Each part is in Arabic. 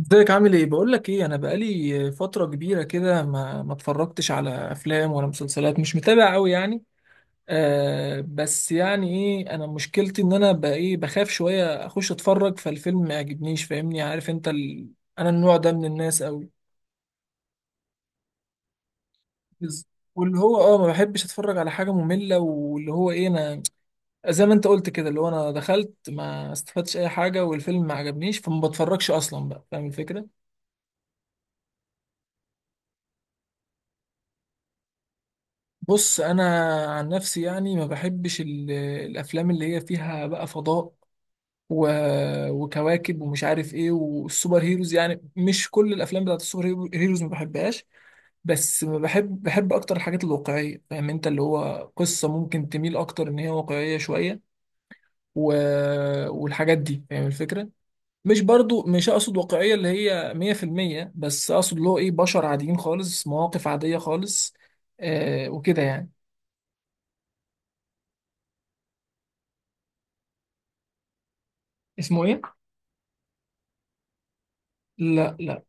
ازيك؟ عامل ايه؟ بقول لك ايه، انا بقالي فتره كبيره كده ما اتفرجتش على افلام ولا مسلسلات، مش متابع قوي يعني. آه، بس يعني ايه، انا مشكلتي ان انا بقى ايه، بخاف شويه اخش اتفرج فالفيلم ما يعجبنيش، فاهمني؟ عارف انت انا النوع ده من الناس قوي. بز- واللي هو ما بحبش اتفرج على حاجه ممله، واللي هو ايه، انا زي ما انت قلت كده، اللي هو انا دخلت ما استفدتش اي حاجه والفيلم ما عجبنيش، فما بتفرجش اصلا، بقى فاهم الفكره؟ بص انا عن نفسي يعني ما بحبش الافلام اللي هي فيها بقى فضاء و... وكواكب ومش عارف ايه، والسوبر هيروز، يعني مش كل الافلام بتاعت السوبر هيروز ما بحبهاش، بس ما بحب، بحب اكتر الحاجات الواقعيه، فاهم انت؟ اللي هو قصه ممكن تميل اكتر ان هي واقعيه شويه و... والحاجات دي، فاهم الفكره؟ مش برضو، مش اقصد واقعيه اللي هي 100%، بس اقصد اللي هو ايه، بشر عاديين خالص، مواقف عاديه خالص، آه، وكده يعني. اسمه ايه؟ لا لا.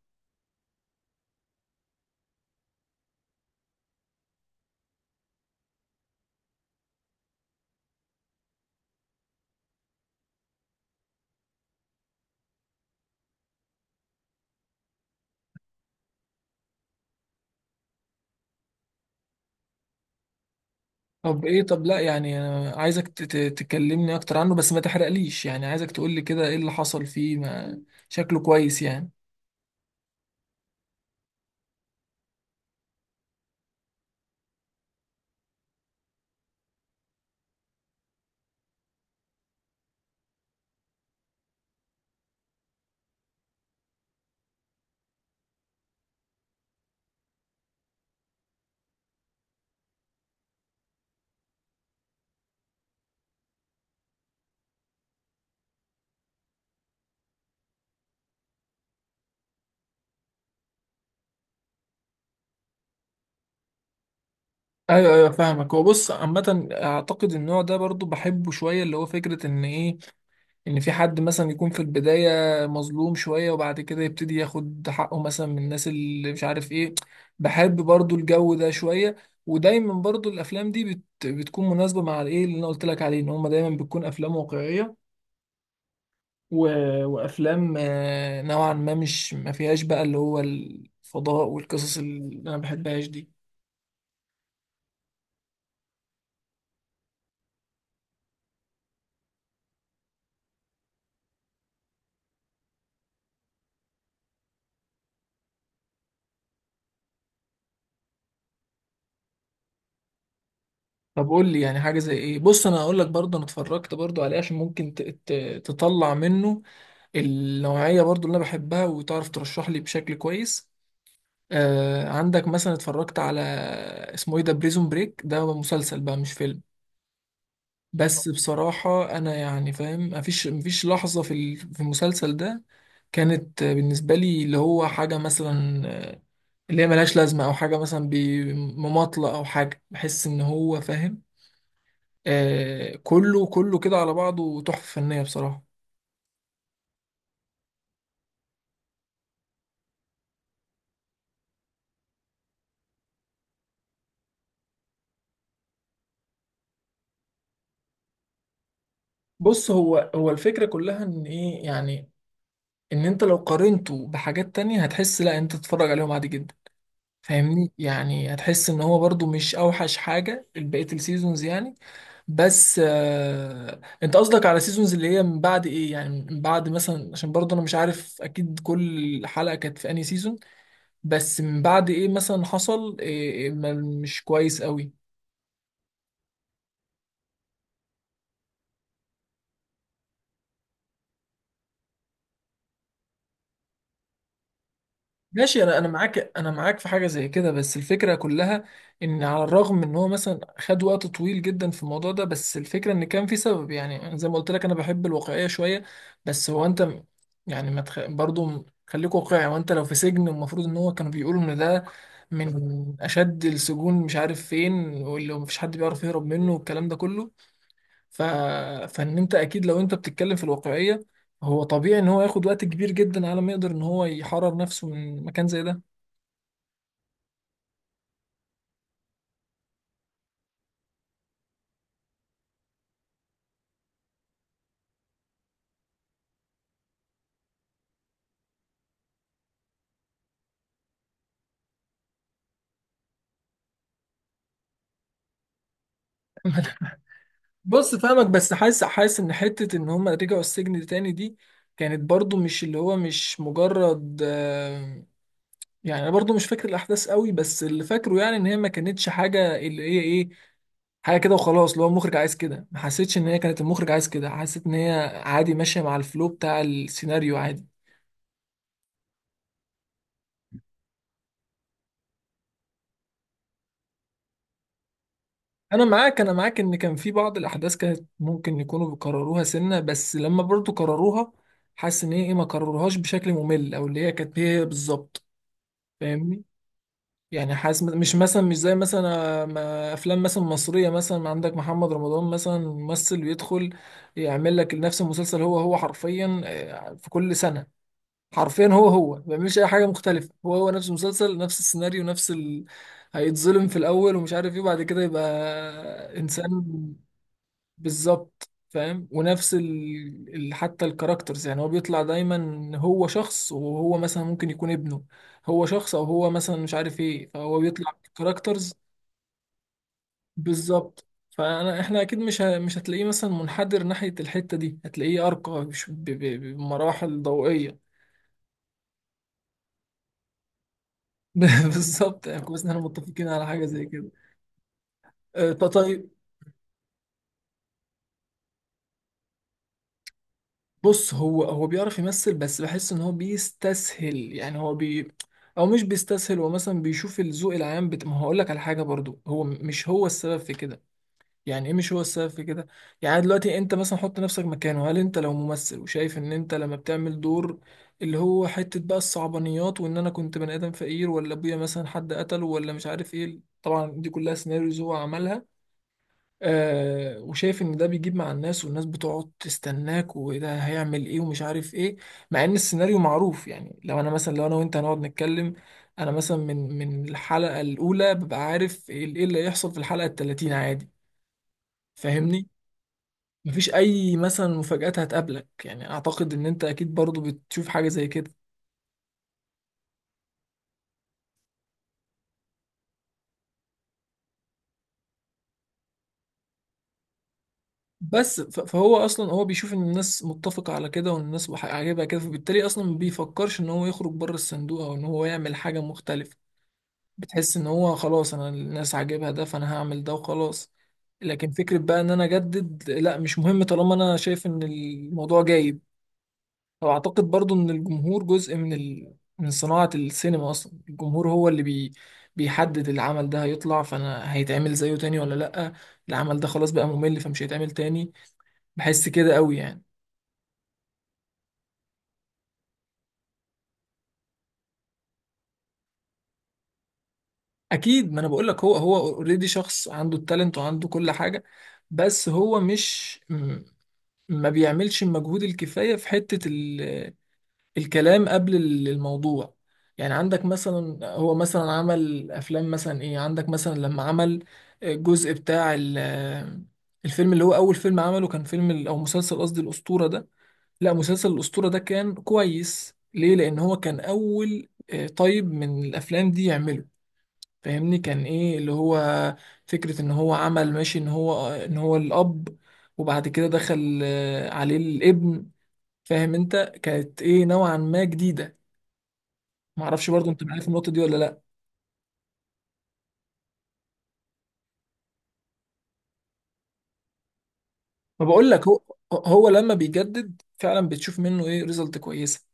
طب ايه؟ طب لا يعني، أنا عايزك تكلمني اكتر عنه بس ما تحرقليش، يعني عايزك تقولي كده ايه اللي حصل فيه، ما شكله كويس يعني. ايوه ايوه، فاهمك. هو بص عامة اعتقد النوع ده برضو بحبه شوية، اللي هو فكرة ان ايه، ان في حد مثلا يكون في البداية مظلوم شوية وبعد كده يبتدي ياخد حقه مثلا من الناس، اللي مش عارف ايه. بحب برضو الجو ده شوية، ودايما برضو الافلام دي بت بتكون مناسبة مع الايه اللي انا قلت لك عليه، ان هما دايما بتكون افلام واقعية و... وافلام آه، نوعا ما مش ما فيهاش بقى اللي هو الفضاء والقصص اللي انا بحبهاش دي. طب قول لي يعني حاجه زي ايه، بص انا هقول لك برضه، انا اتفرجت برضه عليه عشان ممكن تطلع منه النوعيه برضه اللي انا بحبها، وتعرف ترشح لي بشكل كويس. آه، عندك مثلا اتفرجت على اسمه ايه ده، بريزون بريك؟ ده مسلسل بقى مش فيلم، بس بصراحة أنا يعني فاهم، مفيش لحظة في في المسلسل ده كانت بالنسبة لي اللي هو حاجة مثلا آه، اللي هي ملهاش لازمة، أو حاجة مثلا بمماطلة، أو حاجة بحس إن هو فاهم. آه، كله كله كده على بعضه تحفة فنية بصراحة. بص هو هو الفكرة كلها إن إيه يعني، إن أنت لو قارنته بحاجات تانية هتحس لأ، أنت تتفرج عليهم عادي جدا، فاهمني؟ يعني هتحس إن هو برضو مش أوحش حاجة بقية السيزونز يعني. بس آه، انت قصدك على سيزونز اللي هي من بعد ايه يعني، من بعد مثلا، عشان برضه انا مش عارف اكيد كل حلقة كانت في انهي سيزون، بس من بعد ايه مثلا حصل إيه؟ إيه مش كويس قوي؟ ماشي، انا انا معاك، انا معاك في حاجه زي كده، بس الفكره كلها ان على الرغم من ان هو مثلا خد وقت طويل جدا في الموضوع ده، بس الفكره ان كان في سبب، يعني أنا زي ما قلت لك انا بحب الواقعيه شويه، بس هو انت يعني ما تخ... برضو خليك واقعي، وانت لو في سجن المفروض ان هو كانوا بيقولوا ان ده من اشد السجون مش عارف فين، واللي مفيش حد بيعرف يهرب منه والكلام ده كله، ف... فان انت اكيد لو انت بتتكلم في الواقعيه، هو طبيعي ان هو ياخد وقت كبير جدا على ما يقدر ان هو يحرر نفسه من مكان زي ده. بص فاهمك، بس حاسس حاسس ان حته ان هم رجعوا السجن تاني دي كانت برضو مش اللي هو، مش مجرد آه، يعني انا برضو مش فاكر الاحداث قوي، بس اللي فاكره يعني ان هي ما كانتش حاجه اللي هي ايه، حاجه كده وخلاص اللي هو المخرج عايز كده، ما حسيتش ان هي كانت المخرج عايز كده، حسيت ان هي عادي ماشيه مع الفلو بتاع السيناريو عادي. انا معاك، انا معاك ان كان في بعض الاحداث كانت ممكن يكونوا بيكرروها سنه، بس لما برضو كرروها حاسس ان هي ايه، ما كرروهاش بشكل ممل، او اللي هي كانت هي بالظبط، فاهمني؟ يعني حاسس مش مثلا، مش زي مثلا آه، افلام مثلا مصريه، مثلا عندك محمد رمضان مثلا، ممثل بيدخل يعمل لك نفس المسلسل هو هو حرفيا آه، في كل سنه، حرفيا هو هو ما بيعملش اي حاجه مختلفه، هو هو نفس المسلسل، نفس السيناريو، نفس هيتظلم في الاول ومش عارف ايه، بعد كده يبقى انسان. بالظبط، فاهم. ونفس حتى الكاركترز، يعني هو بيطلع دايما هو شخص، وهو مثلا ممكن يكون ابنه، هو شخص، او هو مثلا مش عارف ايه، فهو بيطلع كاركترز. بالظبط، فانا احنا اكيد مش هتلاقيه مثلا منحدر ناحية الحتة دي، هتلاقيه ارقى بمراحل ضوئية. بالظبط، يعني كويس ان احنا متفقين على حاجة زي كده. أه، طيب. بص هو هو بيعرف يمثل، بس بحس ان هو بيستسهل يعني، هو او مش بيستسهل، هو مثلا بيشوف الذوق العام ما هقول لك على حاجه برضو، هو مش هو السبب في كده، يعني ايه مش هو السبب في كده؟ يعني دلوقتي انت مثلا حط نفسك مكانه، هل انت لو ممثل وشايف ان انت لما بتعمل دور اللي هو حته بقى الصعبانيات، وان انا كنت بني ادم فقير، ولا ابويا مثلا حد قتله، ولا مش عارف ايه، طبعا دي كلها سيناريوز هو عملها، آه، وشايف ان ده بيجيب مع الناس، والناس بتقعد تستناك، وده هيعمل ايه، ومش عارف ايه، مع ان السيناريو معروف، يعني لو انا مثلا، لو انا وانت هنقعد نتكلم، انا مثلا من الحلقة الاولى ببقى عارف ايه، إيه اللي هيحصل في الحلقة التلاتين عادي، فاهمني؟ مفيش اي مثلا مفاجآت هتقابلك، يعني اعتقد ان انت اكيد برضو بتشوف حاجة زي كده. بس فهو اصلا هو بيشوف ان الناس متفقة على كده، وان الناس عاجبها كده، فبالتالي اصلا ما بيفكرش ان هو يخرج بره الصندوق، او ان هو يعمل حاجة مختلفة. بتحس ان هو خلاص، انا الناس عاجبها ده، فانا هعمل ده وخلاص، لكن فكرة بقى ان انا اجدد لا، مش مهم طالما انا شايف ان الموضوع جايب. فاعتقد برضو ان الجمهور جزء من من صناعة السينما اصلا، الجمهور هو اللي بيحدد العمل ده هيطلع، فانا هيتعمل زيه تاني ولا لا، العمل ده خلاص بقى ممل فمش هيتعمل تاني، بحس كده قوي يعني. اكيد، ما انا بقول لك، هو هو اوريدي شخص عنده التالنت وعنده كل حاجة، بس هو مش، ما بيعملش المجهود الكفاية في حتة الكلام قبل الموضوع. يعني عندك مثلا، هو مثلا عمل أفلام مثلا إيه، عندك مثلا لما عمل الجزء بتاع الفيلم اللي هو أول فيلم عمله كان فيلم أو مسلسل قصدي الأسطورة ده. لا مسلسل الأسطورة ده كان كويس ليه؟ لأن هو كان أول آه، طيب من الأفلام دي يعمله، فاهمني؟ كان ايه اللي هو فكرة ان هو عمل ماشي ان هو، ان هو الاب، وبعد كده دخل آه، عليه الابن، فاهم انت؟ كانت ايه نوعا ما جديدة. معرفش برضو انت معايا في النقطة دي ولا لا. ما بقول لك، هو هو لما بيجدد فعلا بتشوف منه ايه، ريزلت كويسة،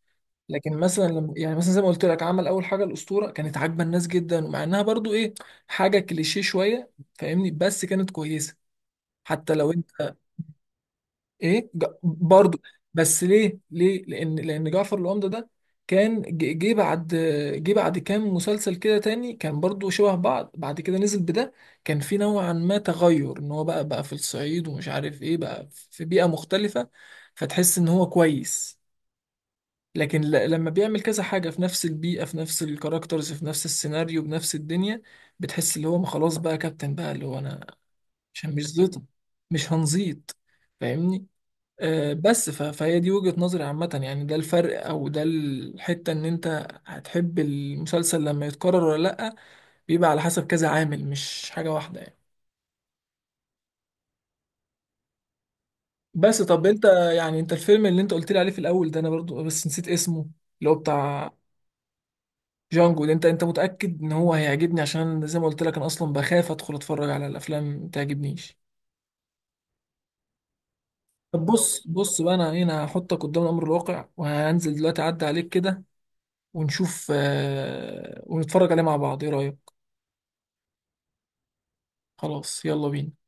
لكن مثلا لما يعني مثلا زي ما قلت لك عمل اول حاجة الأسطورة كانت عاجبة الناس جدا، ومع انها برضو ايه حاجة كليشيه شوية، فاهمني؟ بس كانت كويسة. حتى لو انت ايه برضه. بس ليه؟ ليه؟ لان، لان جعفر العمدة ده كان جه بعد، جه بعد كام مسلسل كده تاني كان برضه شبه بعض، بعد كده نزل بده كان في نوعا ما تغير، ان هو بقى في الصعيد، ومش عارف ايه، بقى في بيئة مختلفة، فتحس ان هو كويس. لكن لما بيعمل كذا حاجة في نفس البيئة، في نفس الكاركترز، في نفس السيناريو، بنفس الدنيا، بتحس اللي هو ما خلاص بقى كابتن بقى، اللي هو انا مش، مش زيطة، مش هنزيط، فاهمني؟ آه، بس فهي دي وجهة نظري عامة يعني، ده الفرق، او ده الحتة ان انت هتحب المسلسل لما يتكرر ولا لأ، بيبقى على حسب كذا عامل، مش حاجة واحدة يعني. بس طب انت، يعني انت الفيلم اللي انت قلت لي عليه في الاول ده، انا برضو بس نسيت اسمه، اللي هو بتاع جانجو ده، انت انت متأكد ان هو هيعجبني؟ عشان زي ما قلت لك انا اصلا بخاف ادخل اتفرج على الافلام ما تعجبنيش. طب بص، بص بقى، انا هنا هحطك قدام الامر الواقع، وهنزل دلوقتي اعدي عليك كده ونشوف آه، ونتفرج عليه مع بعض، ايه رأيك؟ خلاص، يلا بينا.